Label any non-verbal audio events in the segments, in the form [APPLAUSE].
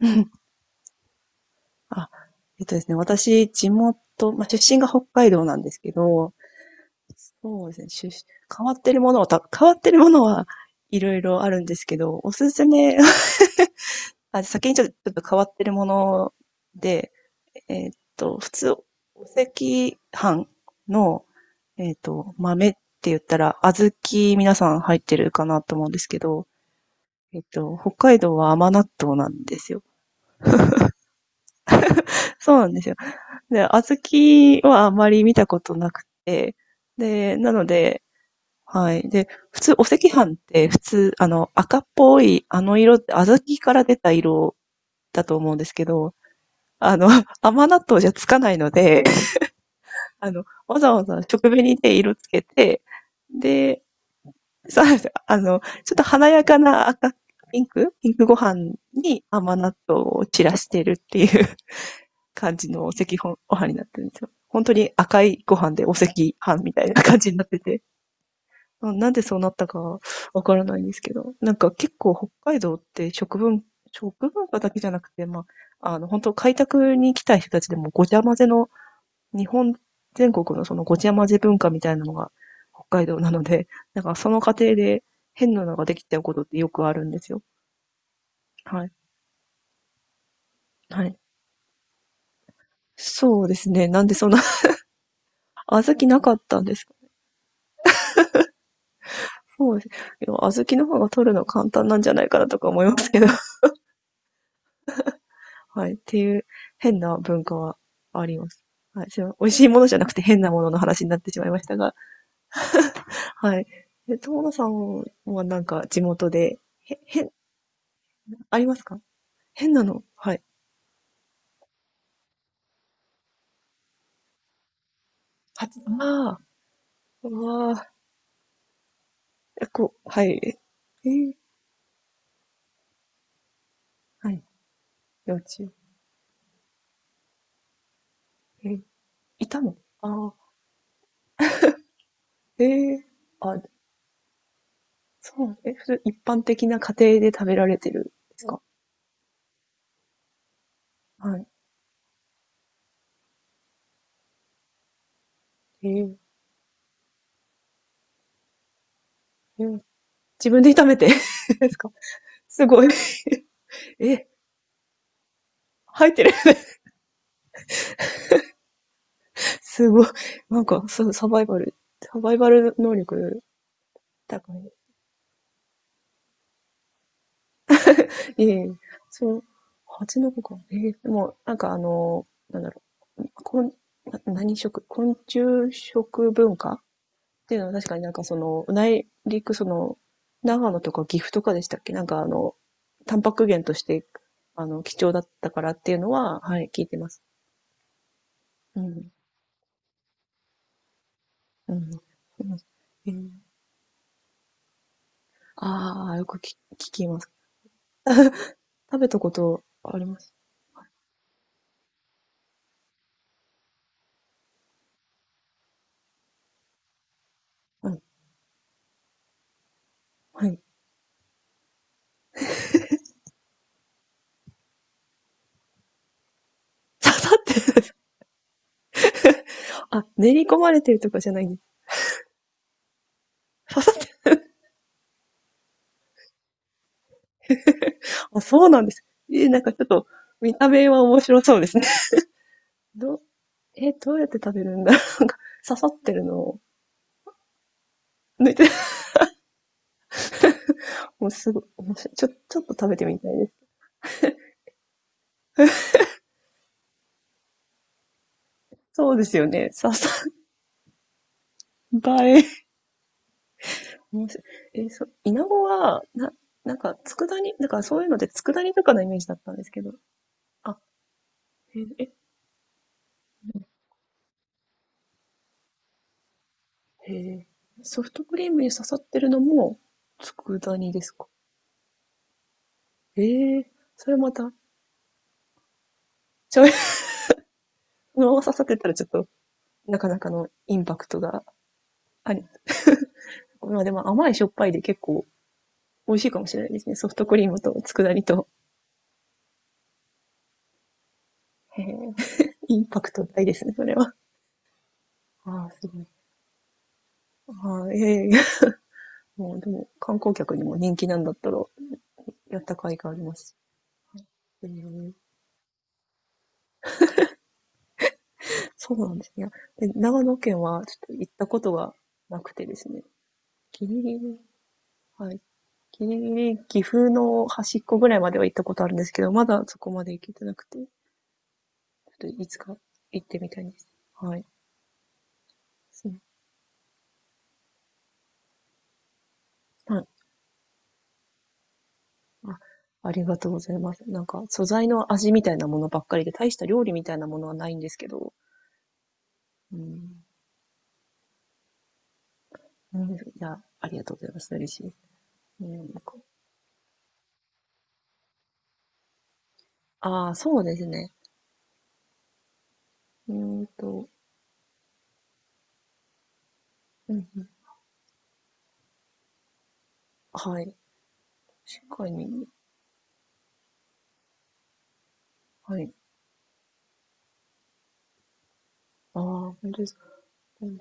[LAUGHS] あ、えっとですね、私、地元、まあ、出身が北海道なんですけど、そうですね、変わってるものはた変わってるものはいろいろあるんですけど、おすすめ。 [LAUGHS] あ、先にちょっとちょっと変わってるもので、普通、お赤飯の、豆って言ったら、小豆皆さん入ってるかなと思うんですけど、北海道は甘納豆なんですよ。そうなんですよ。で、小豆はあまり見たことなくて、で、なので、はい。で、普通、お赤飯って普通、赤っぽい、あの色って小豆から出た色だと思うんですけど、あの、[LAUGHS] 甘納豆じゃつかないので、わざわざ食紅で色つけて、で、そうなんですよ。ちょっと華やかな赤、ピンクピンクご飯に甘納豆を散らしてるっていう感じのお赤飯、お飯になってるんですよ。本当に赤いご飯でお赤飯みたいな感じになってて。[LAUGHS] なんでそうなったかわからないんですけど、なんか結構北海道って食文化だけじゃなくて、まあ、本当開拓に来た人たちでもごちゃ混ぜの、日本全国のそのごちゃ混ぜ文化みたいなのが北海道なので、[LAUGHS] なんかその過程で変なのができちゃうことってよくあるんですよ。はい。はい。そうですね。なんでそんな、小豆なかったんです。そうです。でも小豆の方が取るの簡単なんじゃないかなとか思いますけど。[LAUGHS] はい。っていう変な文化はあります。はい。すいません美味しいものじゃなくて変なものの話になってしまいましたが。はい。え、友野さんはなんか地元で、変、ありますか？変なの、はい。は、ああ、うわあ、え、こう、はい。えー、はい。幼稚園。えー、いたの、ああ、ええ、あ、そう、え、それ一般的な家庭で食べられてるんですか？はい。えー、えー、自分で炒めて [LAUGHS] ですか？すごい。[LAUGHS] え、入ってる。[LAUGHS] すごい。なんか、そう、サバイバル能力高い。ええー、そう、蜂の子か。ええー、でも、なんかなんだろう。こんな昆虫食文化っていうのは確かになんかその、内陸その、長野とか岐阜とかでしたっけ、なんかタンパク源として、貴重だったからっていうのは、はい、聞いてます。うん。うん。うん。えー、ああ、よく聞きます。食べたことあります。はい。はい。[LAUGHS] 刺さってる。あ、練り込まれてるとかじゃないんです。 [LAUGHS] 刺さってる。あ、そうなんです。え、なんかちょっと、見た目は面白そうですね。[LAUGHS] ど、え、どうやって食べるんだろう。[LAUGHS] なんか刺さってるのを抜いて、[LAUGHS] もうすごい、面白い。ちょっと食べてみたいです。そうですよね。映え。面白い。え、そう、イナゴは、なんか、佃煮、なんかそういうので佃煮とかのイメージだったんですけど。あ、え、へえ。ソフトクリームに刺さってるのも、佃煮ですか？ええ、それまた、醤油。 [LAUGHS] そのまま刺さってたらちょっと、なかなかのインパクトがあり。まあでも甘いしょっぱいで結構美味しいかもしれないですね。ソフトクリームと佃煮と。へえ、インパクト大ですね、それは。ああ、すごい。ああ、ええ。もうでも観光客にも人気なんだったら、やった甲斐があります。ええ、そうなんですね。で、長野県はちょっと行ったことがなくてですね。ギリギリ、はい。ギリギリ岐阜の端っこぐらいまでは行ったことあるんですけど、まだそこまで行けてなくて、ちょっといつか行ってみたいです。はい。そう。はい。あ、ありがとうございます。なんか素材の味みたいなものばっかりで、大した料理みたいなものはないんですけど、うん。うん。いや、ありがとうございます。嬉しいです。うん、なんか、ああ、そうですね。うーんと、うんうん、はい。確かに。はい。ああ、本当ですか。うん。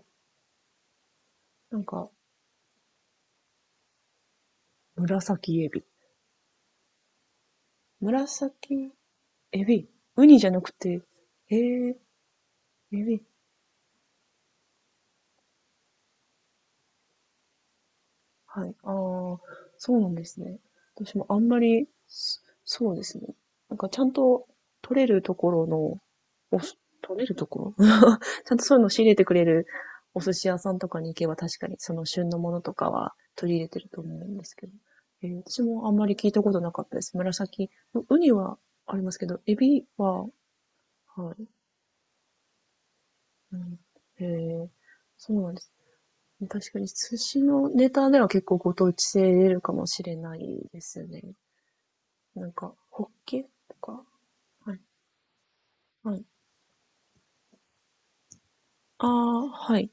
なんか、紫エビ。紫エビ、ウニじゃなくて、へえ、エビ、はい、ああ、そうなんですね。私もあんまり、そうですね。なんかちゃんと取れるところの、取れるところ。 [LAUGHS] ちゃんとそういうの仕入れてくれるお寿司屋さんとかに行けば確かにその旬のものとかは取り入れてると思うんですけど。えー、私もあんまり聞いたことなかったです。紫。ウニはありますけど、エビは、はい。うん、へえー、そうなんです。確かに寿司のネタでは結構ご当地性出るかもしれないですね。なんか、ホッケとか、はい。はい。ああ、はい。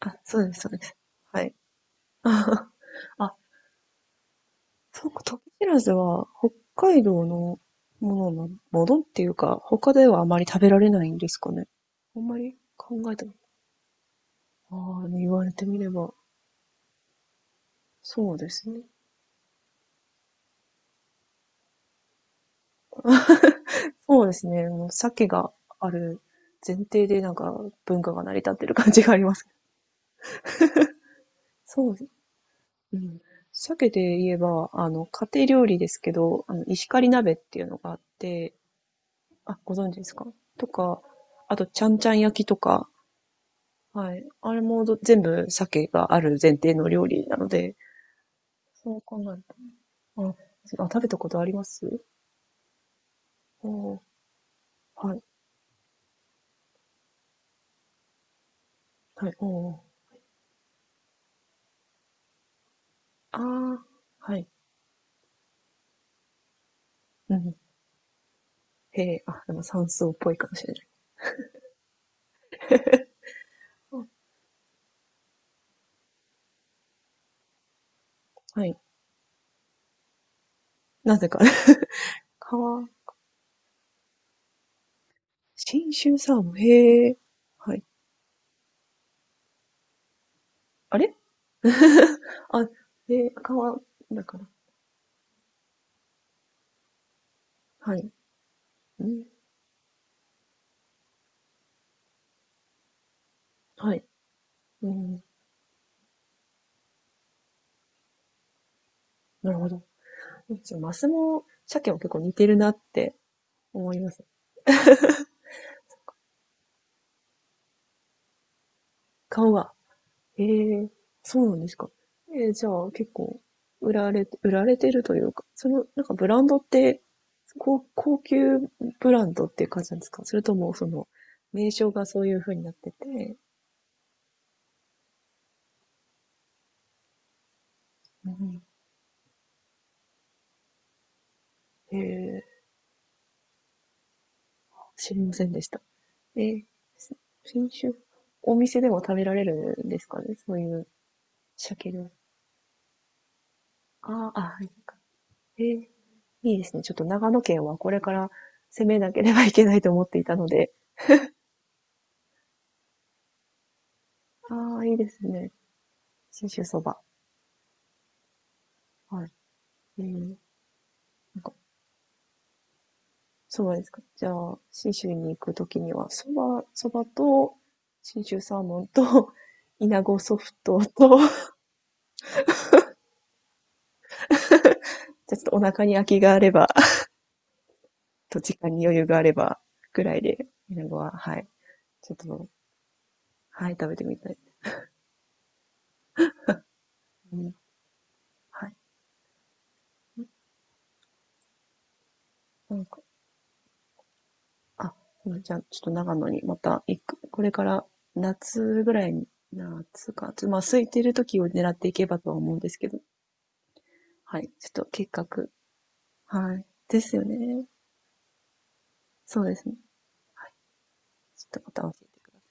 あ、そうです、そうです。はい。あ、そうか、トキシラズは北海道のものっていうか、他ではあまり食べられないんですかね。あんまり考えたこと、ああ、言われてみれば、そうですね。そうですね。もう鮭がある前提でなんか文化が成り立ってる感じがあります。そうです。うん。鮭で言えば、家庭料理ですけど、石狩鍋っていうのがあって、あ、ご存知ですか？とか、あと、ちゃんちゃん焼きとか、はい。あれも全部鮭がある前提の料理なので、そう考えると。あ、食べたことあります。おー、はい、はい、おー。あー、はい。うん。へえ、あ、でも山椒っぽいかもしれない。はい。なぜか。[LAUGHS] 川、信州サーモン、へえ。はい。あれ、あ、川だから。はい。うん。はい。うん。なるほど。じゃあマスも鮭も結構似てるなって思います。顔が。へえ、そうなんですか。えー、じゃあ結構売られてるというか、その、なんかブランドって、高級ブランドっていう感じなんですか？それともその、名称がそういう風になってて、うん。へえ、知りませんでした。えー、し新種、お店でも食べられるんですかね、そういう鮭料理。ああ、あ、はい。ええ、いいですね。ちょっと長野県はこれから攻めなければいけないと思っていたので。ああ、いいですね。信州そば。はい。えー、なんか、蕎麦ですか。じゃあ、信州に行くときには、そばと、信州サーモンと、[LAUGHS] 稲子ソフトと、[LAUGHS] じゃあちょっとお腹に空きがあれば、[LAUGHS] と時間に余裕があれば、ぐらいで、イナゴは、はい。ちょっと、はい、食べてみたい。うん、はい。なんか、あ、じゃあ、ちょっと長野にまた行く。これから夏ぐらいに、夏か、ちょっとまあ空いてる時を狙っていけばとは思うんですけど。はい。ちょっと計画。はい。ですよね。そうですね。はい。ちょっとまた教えてください。